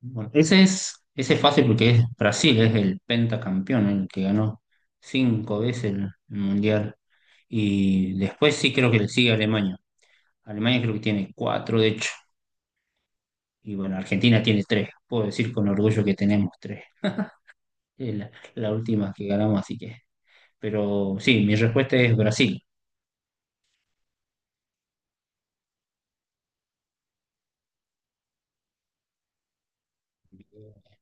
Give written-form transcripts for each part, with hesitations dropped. Bueno, ese es fácil porque es Brasil, es el pentacampeón, el que ganó cinco veces el mundial. Y después sí creo que le sigue Alemania. Alemania creo que tiene cuatro, de hecho. Y bueno, Argentina tiene tres. Puedo decir con orgullo que tenemos tres. Es la última que ganamos, así que. Pero sí, mi respuesta es Brasil.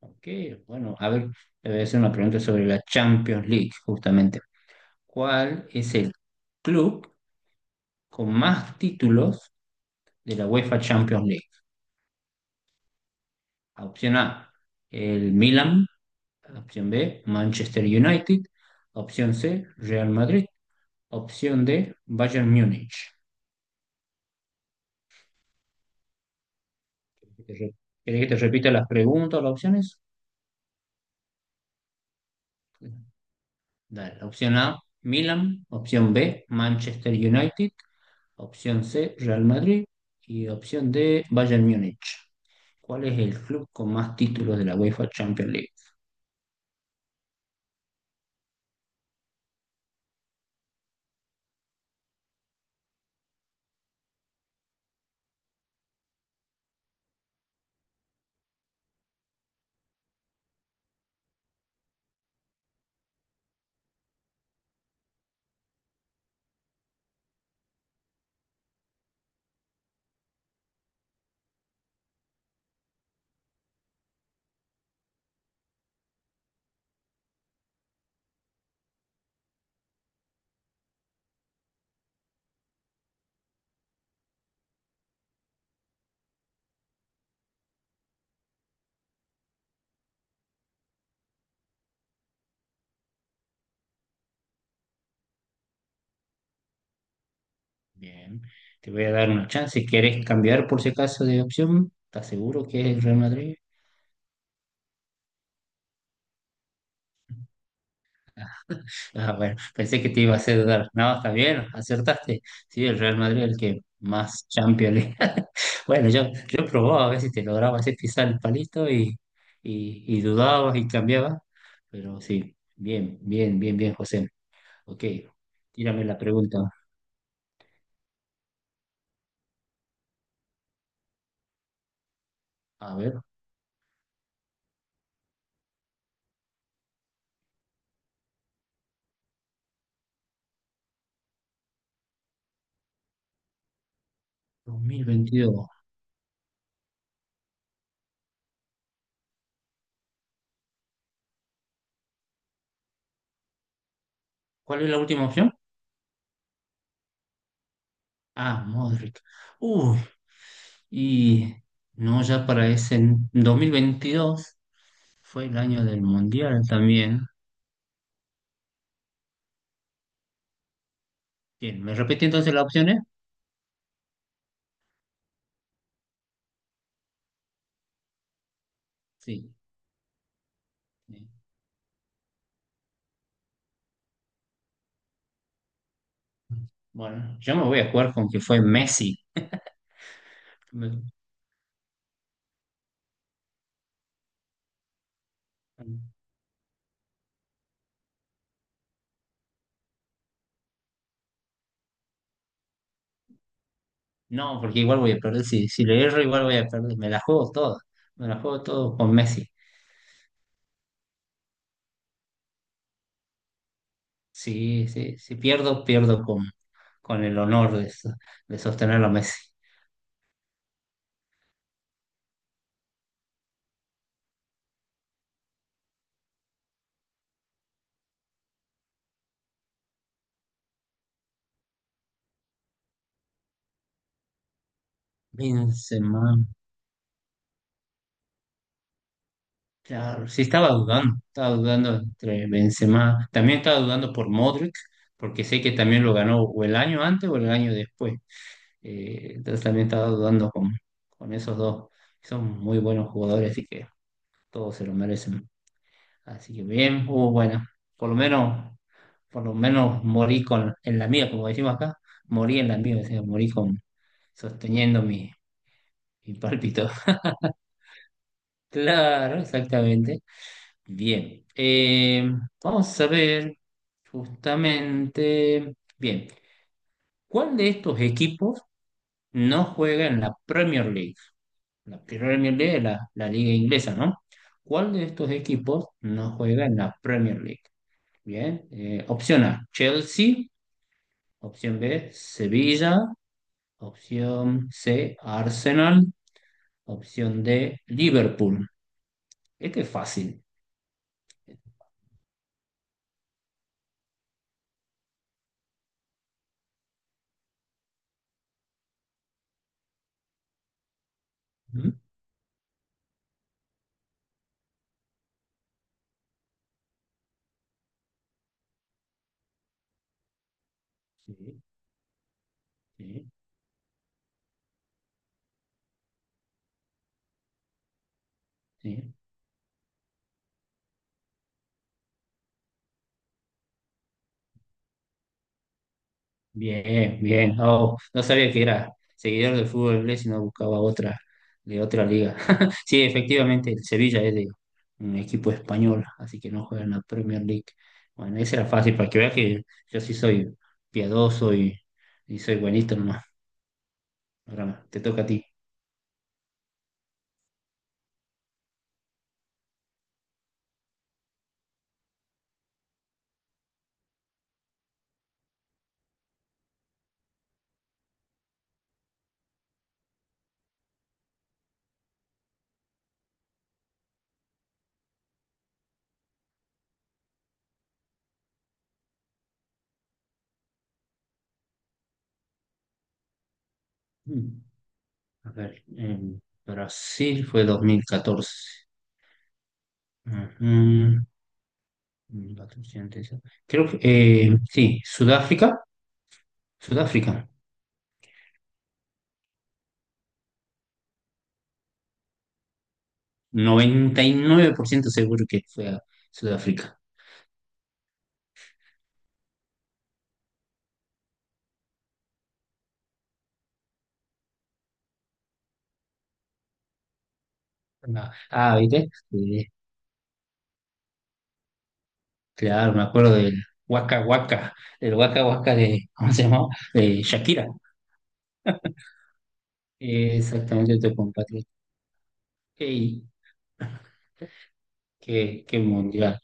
Ok, bueno, a ver, te voy a hacer una pregunta sobre la Champions League, justamente. ¿Cuál es el club con más títulos de la UEFA Champions League? Opción A, el Milan. Opción B, Manchester United. Opción C, Real Madrid. Opción D, Bayern Múnich. ¿Querés que te repita las preguntas o las opciones? Dale. Opción A, Milan. Opción B, Manchester United. Opción C, Real Madrid. Y opción D, Bayern Múnich. ¿Cuál es el club con más títulos de la UEFA Champions League? Bien, te voy a dar una chance. Si ¿Quieres cambiar por si acaso de opción? ¿Estás seguro que es el Real Madrid? Ah, bueno, pensé que te iba a hacer dudar. No, está bien, acertaste. Sí, el Real Madrid es el que más Champions League. Bueno, yo probaba a ver si te lograba hacer pisar el palito y dudabas y cambiabas. Pero sí, bien, bien, bien, bien, José. Ok, tírame la pregunta. A ver, 2022. ¿Cuál es la última opción? Ah, Modric. Uy, y no, ya para ese 2022 fue el año del Mundial también. Bien, ¿me repetí entonces las opciones? Sí. Bueno, yo me voy a jugar con que fue Messi. Me- No, porque igual voy a perder. Si le erro, igual voy a perder. Me la juego toda. Me la juego todo con Messi. Sí, sí, si pierdo, pierdo con el honor de, de sostener a Messi. Benzema. Claro, sí estaba dudando entre Benzema, también estaba dudando por Modric, porque sé que también lo ganó o el año antes o el año después. Entonces también estaba dudando con esos dos. Son muy buenos jugadores, así que todos se lo merecen. Así que bien, hubo bueno, por lo menos, por lo menos morí con, en la mía, como decimos acá, morí en la mía, o sea, morí con, sosteniendo mi, mi pálpito. Claro, exactamente. Bien, vamos a ver justamente, bien, ¿cuál de estos equipos no juega en la Premier League? La Premier League es la liga inglesa, ¿no? ¿Cuál de estos equipos no juega en la Premier League? Bien, opción A, Chelsea, opción B, Sevilla, opción C, Arsenal, opción D, Liverpool. Este es fácil. ¿Mm? Sí, sí, sí. Bien, bien. Oh, no sabía que era seguidor del fútbol inglés y no buscaba otra de otra liga. Sí, efectivamente, el Sevilla es de un equipo español, así que no juega en la Premier League. Bueno, esa era fácil para que veas que yo sí soy piadoso y soy buenito nomás. Ahora te toca a ti. Mm, A ver, en Brasil fue 2014. Ujú, 2014, antes. Creo que sí, Sudáfrica. Sudáfrica. 99% seguro que fue a Sudáfrica. Ah, ah, ¿viste? Claro, me acuerdo del Waka Waka, el Waka Waka de, ¿cómo se llamaba? De Shakira. Exactamente, tu compatriota. Ey, qué, qué mundial.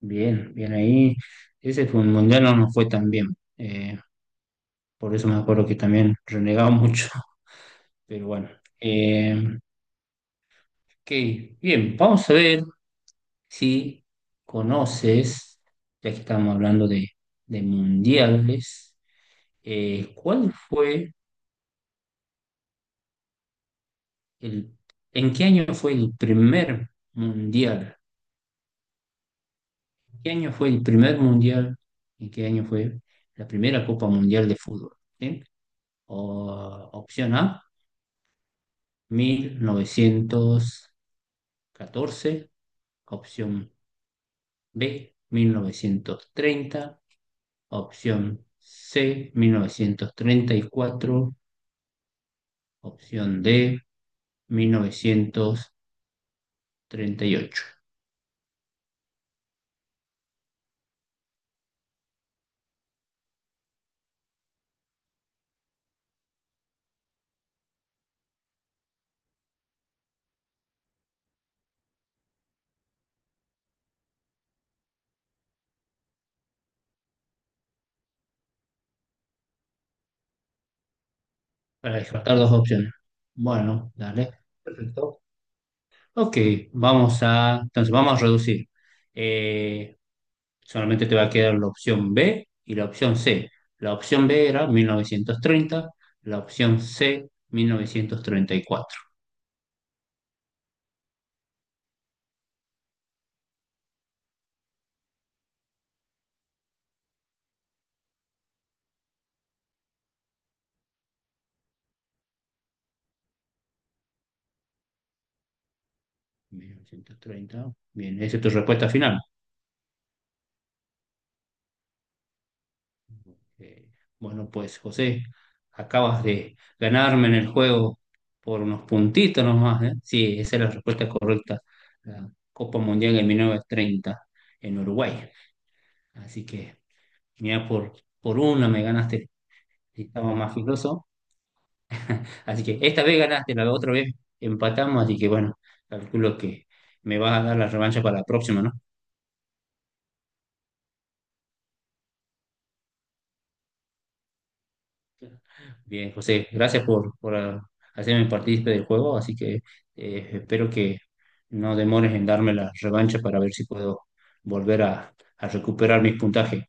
Bien, bien ahí. Ese fue un mundial, no nos fue tan bien. Por eso me acuerdo que también renegaba mucho. Pero bueno. Eh, ok, bien, vamos a ver si conoces, ya que estamos hablando de mundiales, ¿cuál fue el, en qué año fue el primer mundial? ¿Qué año fue el primer mundial? ¿En qué año fue la primera Copa Mundial de Fútbol? ¿Sí? Opción A, 1914, opción B, 1930, opción C, 1934. Opción D, 1938. ¿Para descartar dos opciones? Bueno, dale. Perfecto. Ok, vamos a, entonces vamos a reducir. Eh, solamente te va a quedar la opción B y la opción C. La opción B era 1930, la opción C 1934. 1930, bien, esa es tu respuesta final. Eh, bueno, pues José, acabas de ganarme en el juego por unos puntitos nomás, ¿eh? Sí, esa es la respuesta correcta. La Copa Mundial de 1930 en Uruguay. Así que, mira, por una me ganaste, si estaba más filoso. Así que esta vez ganaste, la otra vez empatamos, así que bueno, calculo que me vas a dar la revancha para la próxima, ¿no? Bien, José, gracias por ah, hacerme partícipe del juego, así que espero que no demores en darme la revancha para ver si puedo volver a recuperar mis puntajes.